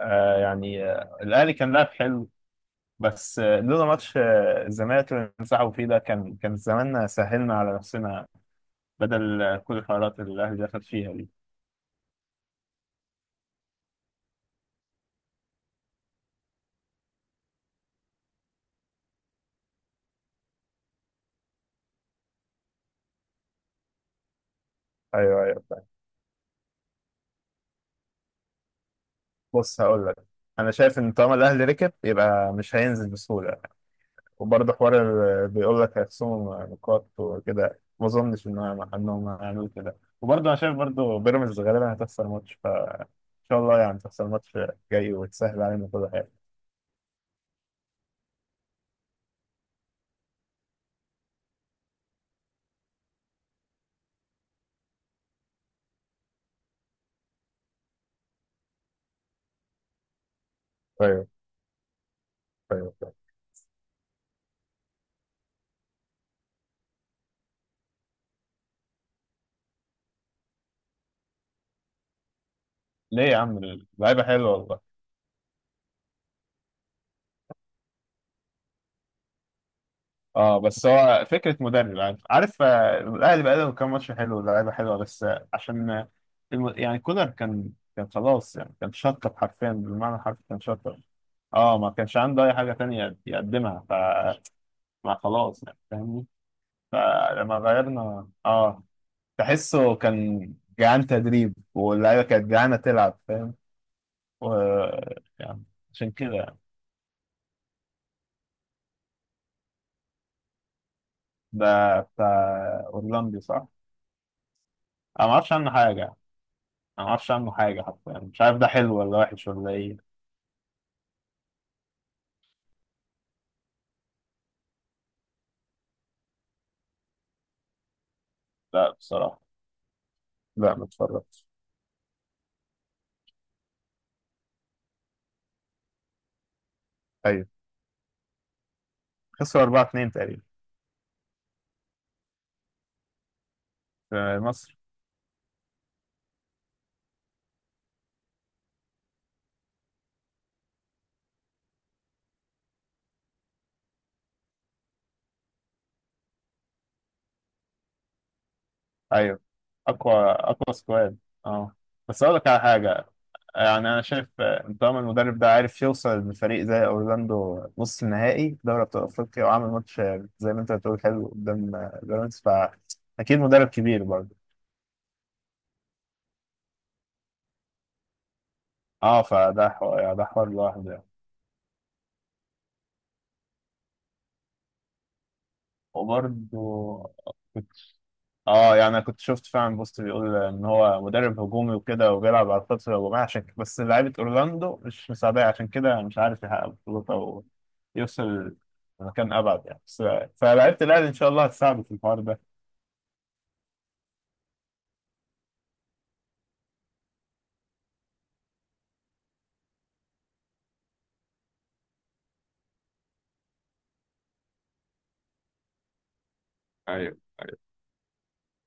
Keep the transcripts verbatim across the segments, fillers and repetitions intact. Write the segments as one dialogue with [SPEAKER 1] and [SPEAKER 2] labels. [SPEAKER 1] آه يعني آه الاهلي كان لاعب حلو. بس آه لولا ماتش آه الزمالك اللي انسحبوا فيه ده كان كان زماننا سهلنا على نفسنا، بدل آه كل الحوارات اللي الاهلي دخل فيها دي. ايوه ايوه، فاهم. بص هقول لك، انا شايف ان طالما الاهلي ركب يبقى مش هينزل بسهوله. وبرضه حوار ال- آه، بيقول لك هيخصموا نقاط وكده، ما اظنش ان هم انهم هيعملوا كده. وبرضه انا شايف برضه بيراميدز غالبا هتخسر ماتش، فان شاء الله يعني تخسر ماتش جاي وتسهل علينا كل حاجه. ايوه ايوه. ليه يا عم؟ اللعيبه حلوه والله. اه بس هو فكره مدرب، عارف عارف آه، الاهلي بقى له كام ماتش حلو، اللعيبه حلوه، بس آه، عشان آه، الم- يعني كولر كان، كان خلاص يعني كان شطب، حرفيا بالمعنى الحرفي كان شطب. اه ما كانش عنده اي حاجه تانية يقدمها، فما خلاص يعني فاهمني. فلما غيرنا، اه تحسه كان جعان تدريب واللعيبه كانت جعانه تلعب، فاهم. و يعني عشان كده يعني. ده بتاع اورلاندي صح؟ انا ما اعرفش عنه حاجه، انا ما اعرفش عنه حاجه حتى، يعني مش عارف ده حلو ولا وحش ولا ايه. لا بصراحه لا ما اتفرجتش. ايوه خسروا اربع اتنين تقريبا. في مصر. ايوه. اقوى اقوى سكواد. اه بس اقول لك على حاجه، يعني انا شايف آه، طالما المدرب ده عارف يوصل لفريق زي اورلاندو نص النهائي في دوري ابطال افريقيا، وعمل ماتش آه، زي ما انت بتقول حلو قدام آه، بيراميدز، فاكيد مدرب كبير برضه. اه فده حوار، ده حوار لوحده يعني. وبرضه اه يعني انا كنت شفت فعلا بوست بيقول ان هو مدرب هجومي وكده، وبيلعب على الخطر الهجومية عشان ك- بس لعيبة اورلاندو مش مساعدة، عشان كده مش عارف يحقق بطولات او يوصل لمكان ابعد يعني. بس فلعيبة الاهلي ان شاء الله هتساعده في الحوار ده. ايوه ايوه.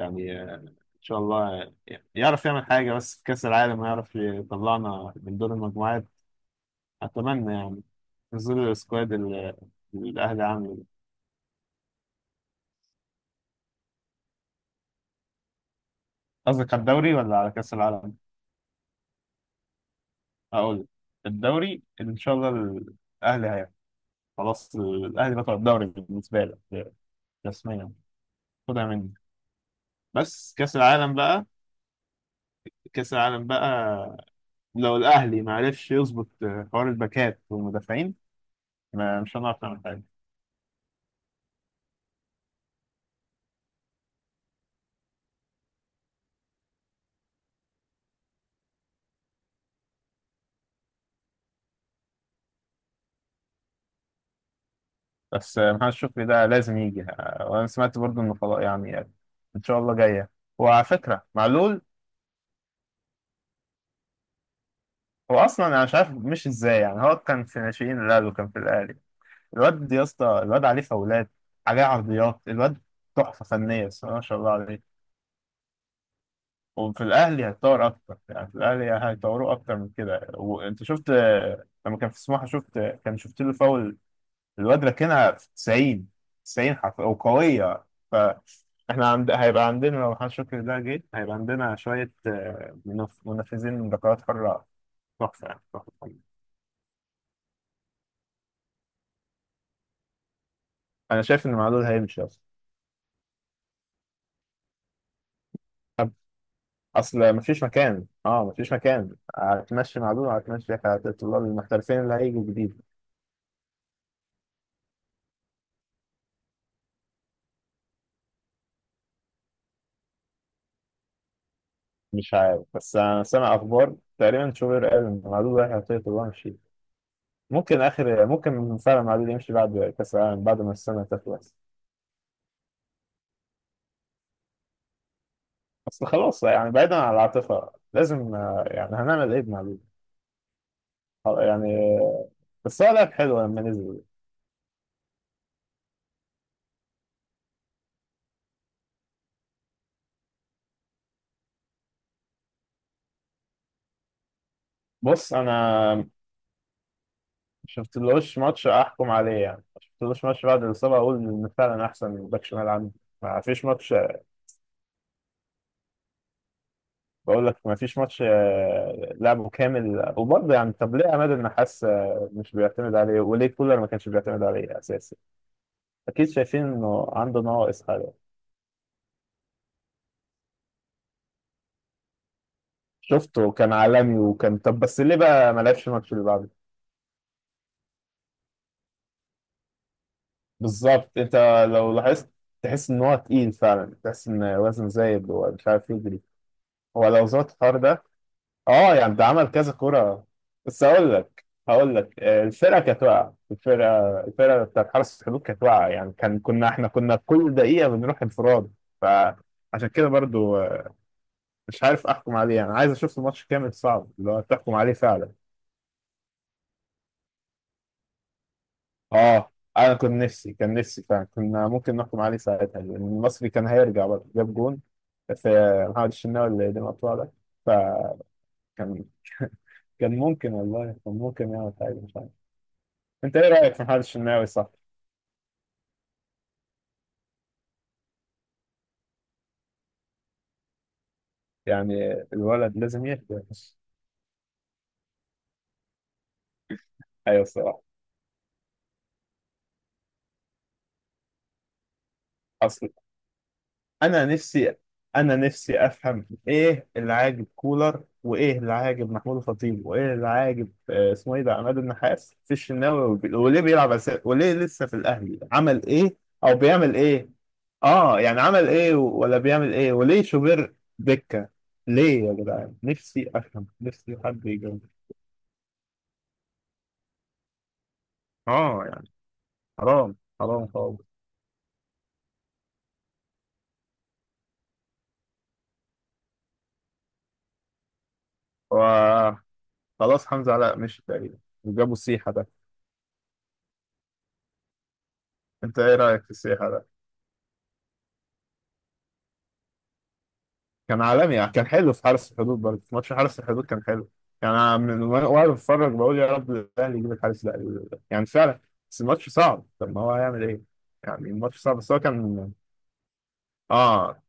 [SPEAKER 1] يعني آه، ان شاء الله آه، يعرف يعمل حاجة، بس في كأس العالم يعرف يطلعنا من دور المجموعات. اتمنى يعني، في ظل السكواد اللي اللي الاهلي عامله. قصدك على الدوري ولا على كأس العالم؟ هقول لك. الدوري ان شاء الله الاهلي هياخد، خلاص الاهلي بطل الدوري بالنسبه لك، رسميا، خدها مني. بس كاس العالم بقى، كاس العالم بقى، لو الاهلي ما عرفش يظبط حوار الباكات والمدافعين ما مش هنعرف نعمل حاجه. بس محمد شكري ده لازم يجي، وانا سمعت برضو انه خلاص يعني ان شاء الله جايه. وعلى فكره معلول هو اصلا انا مش عارف مش ازاي، يعني هو كان في ناشئين الاهلي وكان في الاهلي، الواد يا اسطى الواد عليه فاولات، عليه عرضيات، الواد تحفة فنية الصراحة ما شاء الله عليه. وفي الأهلي هيتطور أكتر، يعني في الأهلي هيطوروه أكتر من كده. وأنت شفت آه، لما كان في سموحة، شفت كان شفت له فاول، الواد راكنها في تسعين، تسعين حرف وقوية. فإحنا عند... هيبقى عندنا لو محمد شكري ده جه هيبقى عندنا شوية آه، منف... منفذين من ركلات حرة، تحفة يعني تحفة. أنا شايف إن معلول هيمشي أصلا، اصل مفيش مكان، اه مفيش مكان هتمشي مع دول هتمشي، الطلاب المحترفين اللي هيجوا جديد. مش عارف بس انا سامع اخبار تقريبا شوبير قال ان معدود رايح يعطيه طلاب مشي، ممكن اخر ممكن فعلا معدود يمشي بعد كاس العالم بعد ما السنه تخلص. اصل خلاص يعني بعيدا عن العاطفه لازم، آه، يعني هنعمل ايه بمعدود؟ آه، يعني آه، بس هو لعب حلو لما نزل. بص انا شفتلوش ماتش احكم عليه يعني، شفتلوش ماتش بعد الاصابه اقول ان فعلا احسن باك شمال عندي، ما فيش ماتش. بقول لك ما فيش ماتش آه، لعبه كامل، وبرضه يعني طب ليه عماد النحاس آه، مش بيعتمد عليه، وليه كولر ما كانش بيعتمد عليه اساسي؟ اكيد شايفين انه عنده نواقص حاجه. شفته كان عالمي وكان، طب بس ليه بقى ما لعبش الماتش اللي بعده؟ بالظبط. انت لو لاحظت تحس ان هو تقيل فعلا، تحس ان وزنه زايد ومش عارف يجري. هو لو ظبط الحوار ده، اه يعني ده عمل كذا كرة. بس هقول لك، هقول لك آه، الفرقة كانت واقعة، الفرقة الفرقة بتاعت حرس الحدود كانت واقعة، يعني كان كنا احنا كنا كل دقيقة بنروح انفراد. فعشان كده برضو آه، مش عارف احكم عليه يعني، عايز اشوف الماتش كامل، صعب اللي هو تحكم عليه فعلا. اه انا كنت نفسي، كان نفسي فعلا كنا ممكن نحكم عليه ساعتها، لان المصري كان هيرجع برضه جاب جون في محمد الشناوي اللي قدم القطوع ده. فكان، كان ممكن والله، كان ممكن يعمل حاجة مش عارف. انت ايه رايك في محمد الشناوي صح؟ يعني الولد لازم يهدى. ايوه الصراحه. اصل انا نفسي، انا نفسي افهم ايه اللي عاجب كولر، وايه اللي عاجب محمود الخطيب، وايه اللي عاجب آه، اسمه ايه ده عماد النحاس في الشناوي، وب- وليه بيلعب اساسي، وليه لسه في الاهلي؟ عمل ايه او بيعمل ايه؟ اه يعني عمل ايه ولا بيعمل ايه، وليه شوبير دكه؟ ليه يا جدعان نفسي افهم، نفسي حد يجاوب. اه يعني حرام، حرام خالص. و خلاص حمزة علاء مشي تقريبا. وجابوا السيحة ده، انت ايه رأيك في السيحة ده؟ كان عالمي يعني كان حلو في حارس الحدود، برضه في ماتش حارس الحدود كان حلو. يعني انا من، وانا وأنا بتفرج بقول يا رب الاهلي يجيب الحارس ده، يعني فعلا. بس الماتش صعب، طب ما هو هيعمل ايه؟ يعني الماتش صعب بس هو كان، اه.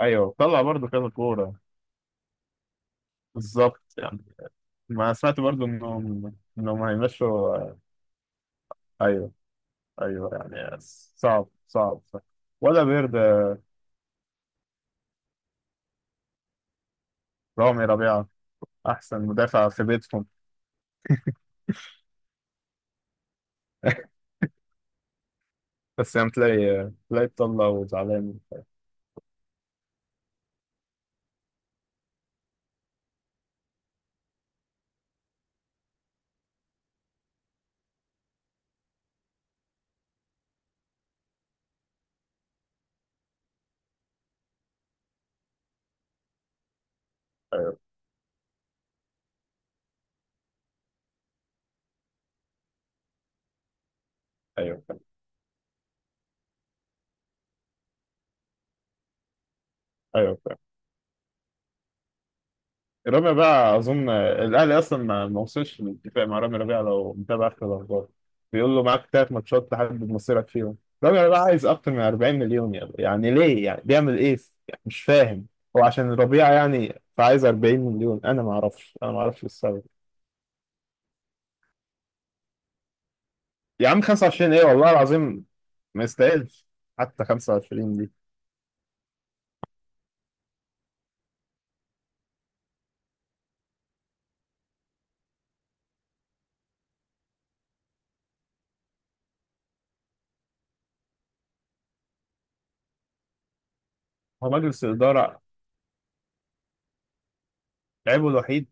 [SPEAKER 1] ايوه طلع برضه كذا كورة. بالظبط يعني. ما سمعت برضه انهم، انهم هيمشوا. ايوه ايوه يعني صعب صعب صعب. ولا بيرد. رامي ربيعة. احسن مدافع في بيتهم. بس يعني تلاقي، تلاقي بطلة وزعلان. ايوه ايوه، فاهم. ايوه فاهم. رامي بقى اظن الاهلي اصلا ما ما وصلش للاتفاق مع رامي ربيعه لو متابع اخر الاخبار، بيقول له معاك ثلاث ماتشات تحدد مصيرك فيهم. رامي ربيعه عايز اكتر من اربعين مليون، يعني يعني ليه يعني بيعمل ايه؟ يعني مش فاهم. هو عشان ربيعه يعني فعايز اربعين مليون؟ انا ما اعرفش، انا ما اعرفش السبب. يا عم خمسة وعشرين ايه والله العظيم، ما يستاهلش حتى خمسة وعشرين دي. هو مجلس الإدارة، عيبه الوحيد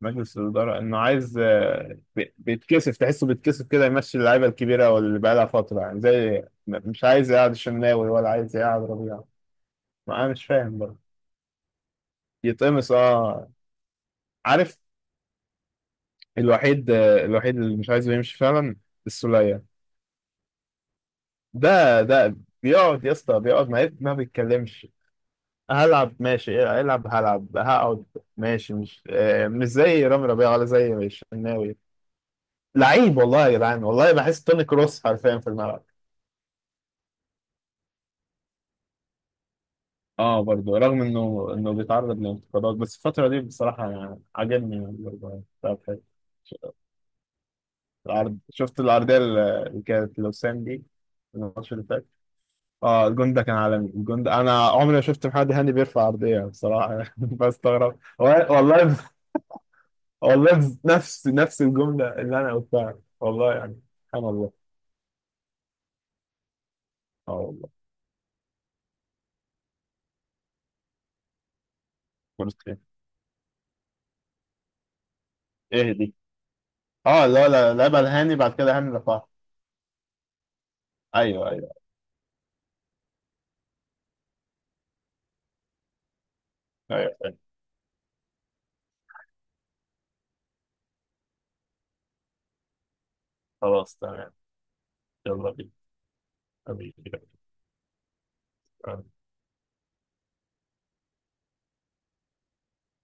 [SPEAKER 1] مجلس الإدارة إنه عايز آه، بي- بيتكسف، تحسه بيتكسف كده يمشي اللعيبة الكبيرة واللي بقالها فترة، يعني زي م- مش عايز يقعد الشناوي ولا عايز يقعد ربيع. ما أنا مش فاهم برضه. يتقمص أه. عارف، الوحيد آه، الوحيد اللي مش عايزه يمشي فعلا السولية. ده ده بيقعد يا اسطى، بيقعد ما ما بيتكلمش، هلعب ماشي إيه، العب هلعب هقعد ماشي، مش آه، مش زي رامي ربيعة ولا زي الشناوي. لعيب والله يا جدعان، والله بحس توني كروس حرفيا في الملعب. اه برضه رغم انه انه بيتعرض لانتقادات، بس الفترة دي بصراحة يعني عجبني، يعني برضه بتاع الحلو. العرض، شفت العرضية اللي كانت لوسام دي؟ الماتش اللي فات. اه الجون ده كان عالمي، الجون ده انا عمري ما شفت محمد هاني بيرفع عرضية بصراحة بستغرب والله والله. والله نفس نفس الجملة اللي انا قلتها والله، يعني سبحان الله. اه والله. كرة خير. ايه دي؟ اه لا لا لعبها الهاني، بعد كده هاني رفعها. ايوه ايوه. ايوه أيوه. خلاص تمام. يلا بينا حبيبي.